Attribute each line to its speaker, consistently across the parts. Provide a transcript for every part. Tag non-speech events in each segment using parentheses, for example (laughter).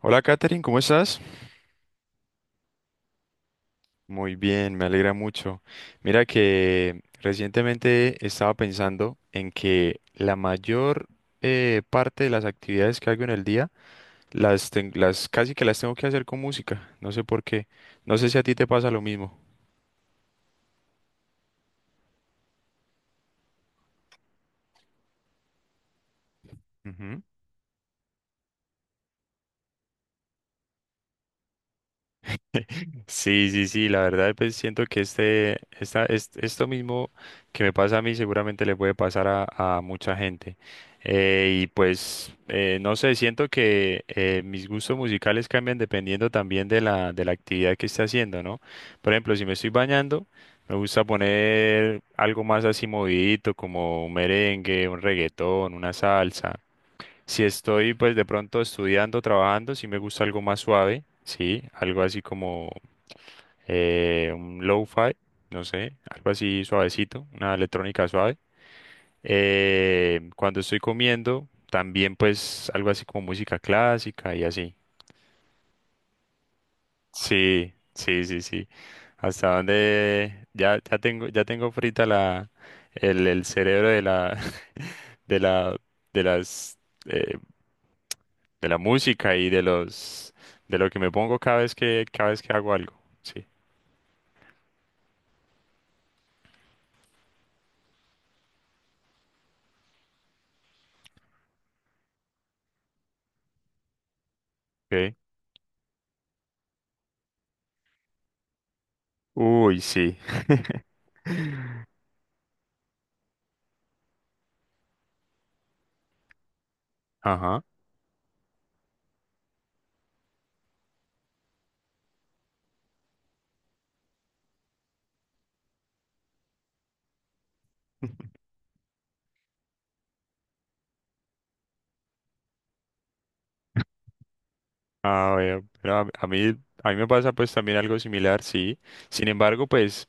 Speaker 1: Hola Katherine, ¿cómo estás? Muy bien, me alegra mucho. Mira que recientemente estaba pensando en que la mayor parte de las actividades que hago en el día las casi que las tengo que hacer con música. No sé por qué. No sé si a ti te pasa lo mismo. (laughs) Sí, sí, sí, la verdad, pues siento que esto mismo que me pasa a mí seguramente le puede pasar a mucha gente. Y pues, no sé, siento que mis gustos musicales cambian dependiendo también de de la actividad que esté haciendo, ¿no? Por ejemplo, si me estoy bañando, me gusta poner algo más así movidito, como un merengue, un reggaetón, una salsa. Si estoy pues de pronto estudiando, trabajando, sí me gusta algo más suave, sí, algo así como un lo-fi, no sé, algo así suavecito, una electrónica suave. Cuando estoy comiendo, también pues algo así como música clásica y así. Sí, sí, sí, sí. Hasta donde ya tengo frita el cerebro de (laughs) de la, de las, eh, de la música y de de lo que me pongo cada vez cada vez que hago algo. Sí. Okay. Uy, sí. (laughs) Ajá. Ah, bueno, a mí me pasa pues también algo similar, sí. Sin embargo, pues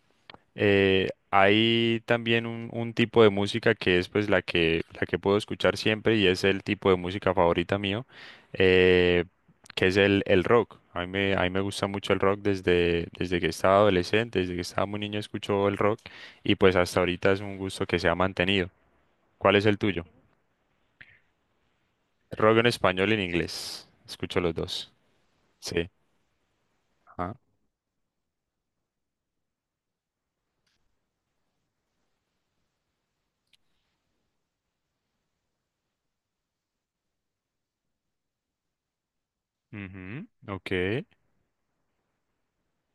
Speaker 1: hay también un tipo de música que es pues la que puedo escuchar siempre y es el tipo de música favorita mío, eh, que es el rock. A mí me gusta mucho el rock desde que estaba adolescente, desde que estaba muy niño escucho el rock y pues hasta ahorita es un gusto que se ha mantenido. ¿Cuál es el tuyo? Rock en español y en inglés. Escucho los dos. Sí. Ajá. Ujú, Ok.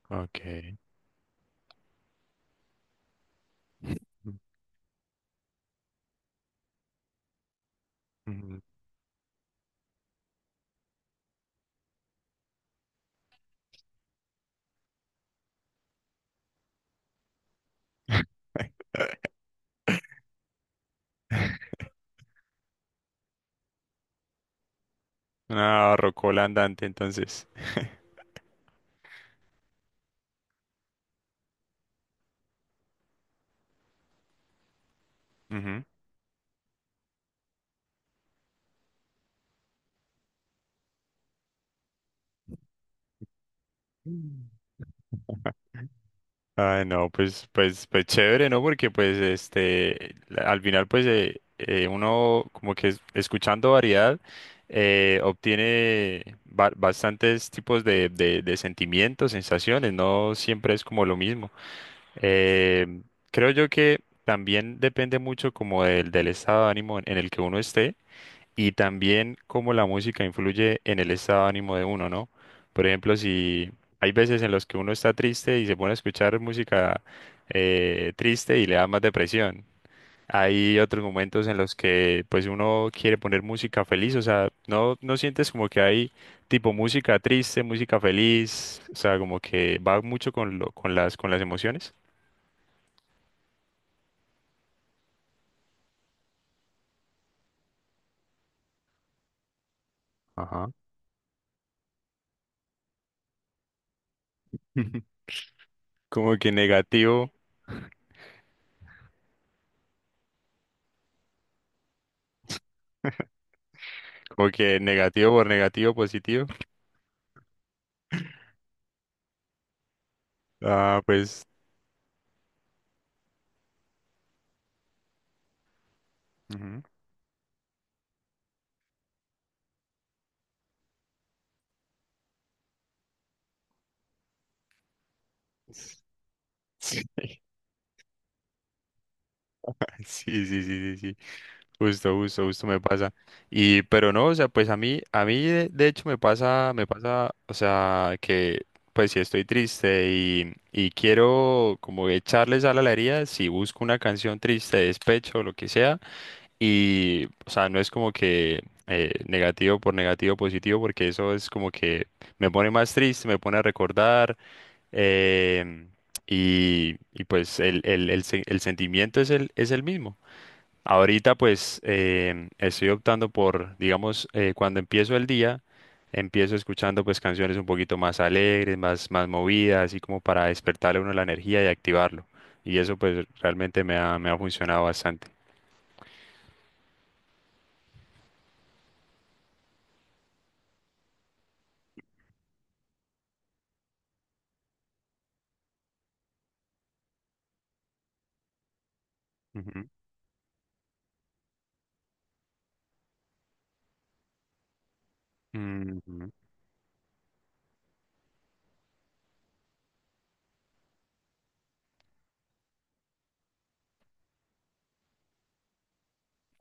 Speaker 1: Ok. Ujú. (laughs) Una rocola andante, entonces. (laughs) Ujú. Mm. Ay, no, pues, pues, pues chévere, ¿no? Porque pues este, la- al final pues uno como que es- escuchando variedad obtiene ba- bastantes tipos de sentimientos, sensaciones, no siempre es como lo mismo. Eh, Creo yo que también depende mucho como del estado de ánimo en el que uno esté y también cómo la música influye en el estado de ánimo de uno, ¿no? Por ejemplo, si hay veces en los que uno está triste y se pone a escuchar música triste y le da más depresión. Hay otros momentos en los que pues uno quiere poner música feliz, o sea, no, no sientes como que hay tipo música triste, música feliz, o sea, como que va mucho con lo, con las emociones. Ajá. (laughs) Como que negativo, como que negativo por negativo, positivo. Ah, pues. Ujú. Sí, (laughs) sí, sí, sí, sí. sí. Justo, justo, justo me pasa. Y, pero no, o sea, pues a mí de hecho me pasa, o sea, que pues si estoy triste y quiero como echarle sal a la herida, si busco una canción triste, de despecho, o lo que sea, y, o sea, no es como que negativo por negativo, positivo, porque eso es como que me pone más triste, me pone a recordar. em, y, y, pues el sentimiento es el mismo. Ahorita pues estoy optando por, digamos, cuando empiezo el día, empiezo escuchando pues canciones un poquito más alegres, más, más movidas, así como para despertarle a uno la energía y activarlo. Y eso pues realmente me ha funcionado bastante. Ujú. Ujú.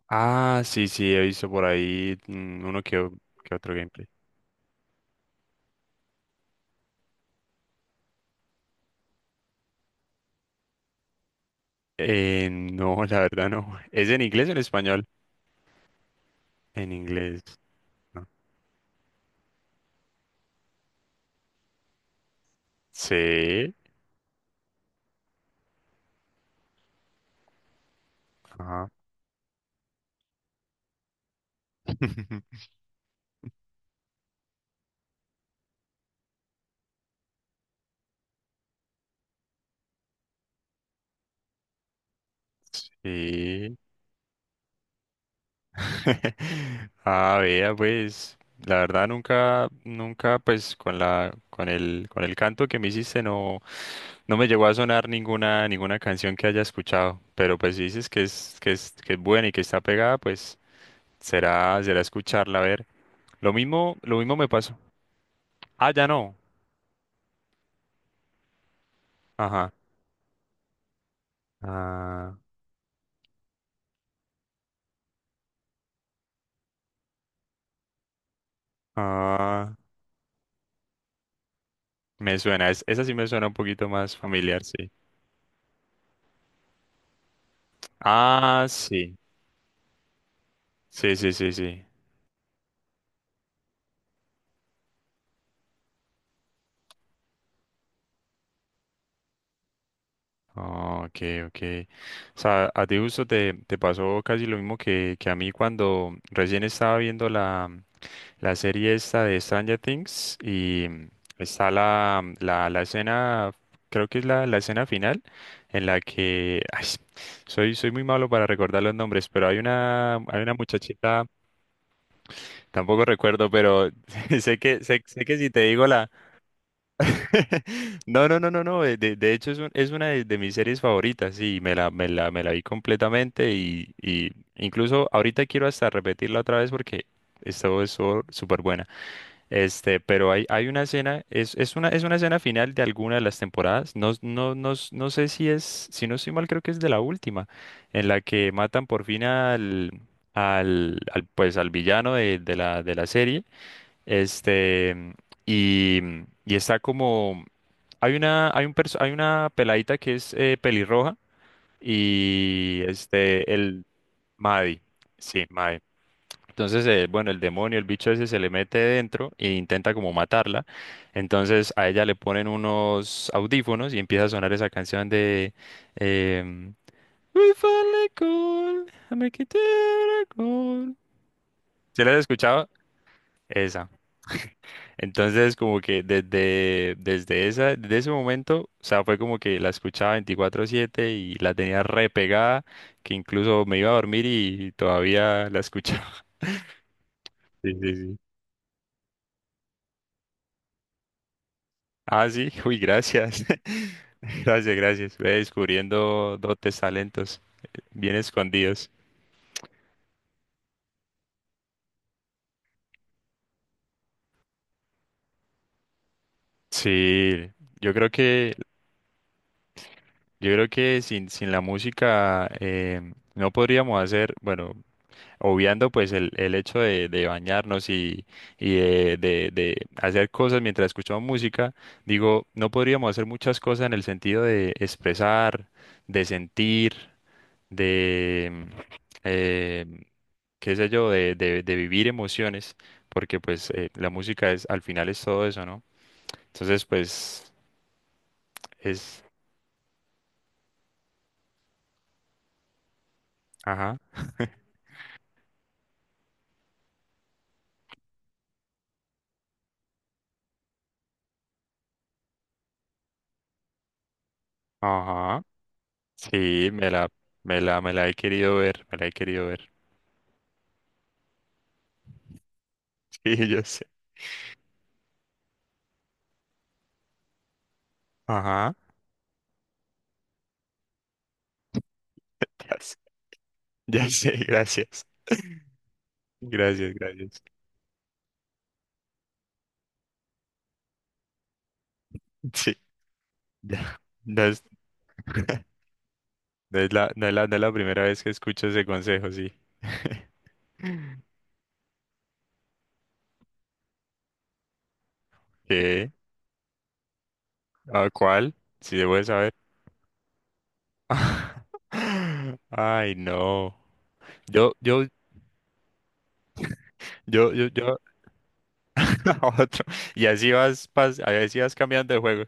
Speaker 1: Ah, sí, sí, he visto por ahí mm, uno o- que otro gameplay. No, (laughs) la verdad no. ¿Es en inglés o en español? En inglés. ¿No? Sí. Ajá. (laughs) Sí. (laughs) Ah, vea, pues, la verdad nunca, nunca, pues, con con el canto que me hiciste no, no me llegó a sonar ninguna, ninguna canción que haya escuchado. Pero pues si dices que es, que es, que es buena y que está pegada, pues será, será escucharla, a ver. Lo mismo me pasó. Ah, ya no. Ajá. Ah, ah, me suena, es- esa sí me suena un poquito más familiar, sí. Ah, sí, sí, sí, sí, sí. Ah, ok, ok. O sea, a ti justo te pasó casi lo mismo que a mí cuando recién estaba viendo la serie esta de Stranger Things y está la escena, creo que es la escena final en la que, ay, soy, soy muy malo para recordar los nombres, pero hay una muchachita, tampoco recuerdo, pero (laughs) sé que, sé, sé que si te digo la (laughs) No, no, no, no, no. De hecho, es, un- es una de mis series favoritas. Y, me la, me la, me la vi completamente. Y incluso ahorita quiero hasta repetirla otra vez porque esto es súper buena. Este, pero hay una escena, es una escena final de alguna de las temporadas. No, no, no, s- no sé si es, si no estoy mal, creo que es de la última, en la que matan por fin al, pues, al villano de, de la serie. Este, y, y está como, hay una, hay un perso- hay una peladita que es pelirroja y este, el Mahdi, sí, Mahdi. Entonces, bueno, el demonio, el bicho ese se le mete dentro e intenta como matarla. Entonces a ella le ponen unos audífonos y empieza a sonar esa canción de em, We finally call, I make it a miracle. ¿Se la has escuchado? Esa. Entonces, como que desde, desde esa, desde ese momento, o sea, fue como que la escuchaba 24/7 y la tenía re pegada, que incluso me iba a dormir y todavía la escuchaba. (laughs) Sí, sí, sí. Ah, sí, uy, gracias. (laughs) Gracias, gracias. Ve descubriendo dotes, talentos bien escondidos. Sí, yo creo que, yo creo que sin, sin la música no podríamos hacer, bueno, obviando pues el hecho de bañarnos y de hacer cosas mientras escuchamos música, digo, no podríamos hacer muchas cosas en el sentido de expresar, de sentir, de, eh, qué sé yo, de vivir emociones, porque pues la música es, al final es todo eso, ¿no? Entonces pues es, ajá, ajá, sí, me la, me la he querido ver, me la he querido ver, (laughs) sí, yo sé, ajá. (laughs) Ya sé, gracias. Gracias, gracias. Sí, ya. No es, no es no es no es la primera vez que escucho ese consejo, sí. (laughs) ¿Qué? ¿A cuál? Si debo de saber. (laughs) Ay, no. Yo, yo, yo, yo, yo, (laughs) a otro. Y así vas, pas- así vas cambiando de juego.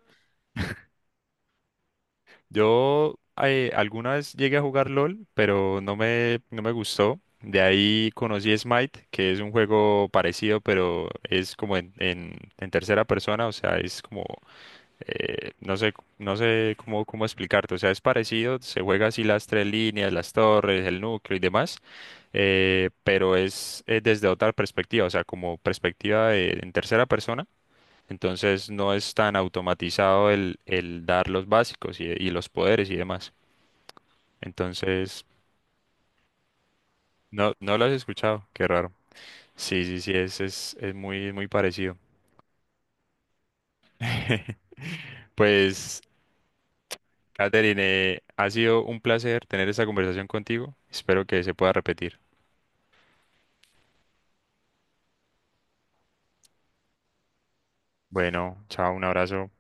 Speaker 1: Yo alguna vez llegué a jugar LOL, pero no me, no me gustó. De ahí conocí Smite, que es un juego parecido, pero es como en tercera persona, o sea, es como, no sé, no sé cómo, cómo explicarte, o sea, es parecido, se juega así las tres líneas, las torres, el núcleo y demás, pero es, desde otra perspectiva, o sea, como perspectiva de- en tercera persona entonces no es tan automatizado el dar los básicos y los poderes y demás. Entonces, no, no lo has escuchado, qué raro. Sí, sí, sí, es muy, muy parecido. (laughs) Pues, Katherine, ha sido un placer tener esta conversación contigo. Espero que se pueda repetir. Bueno, chao, un abrazo.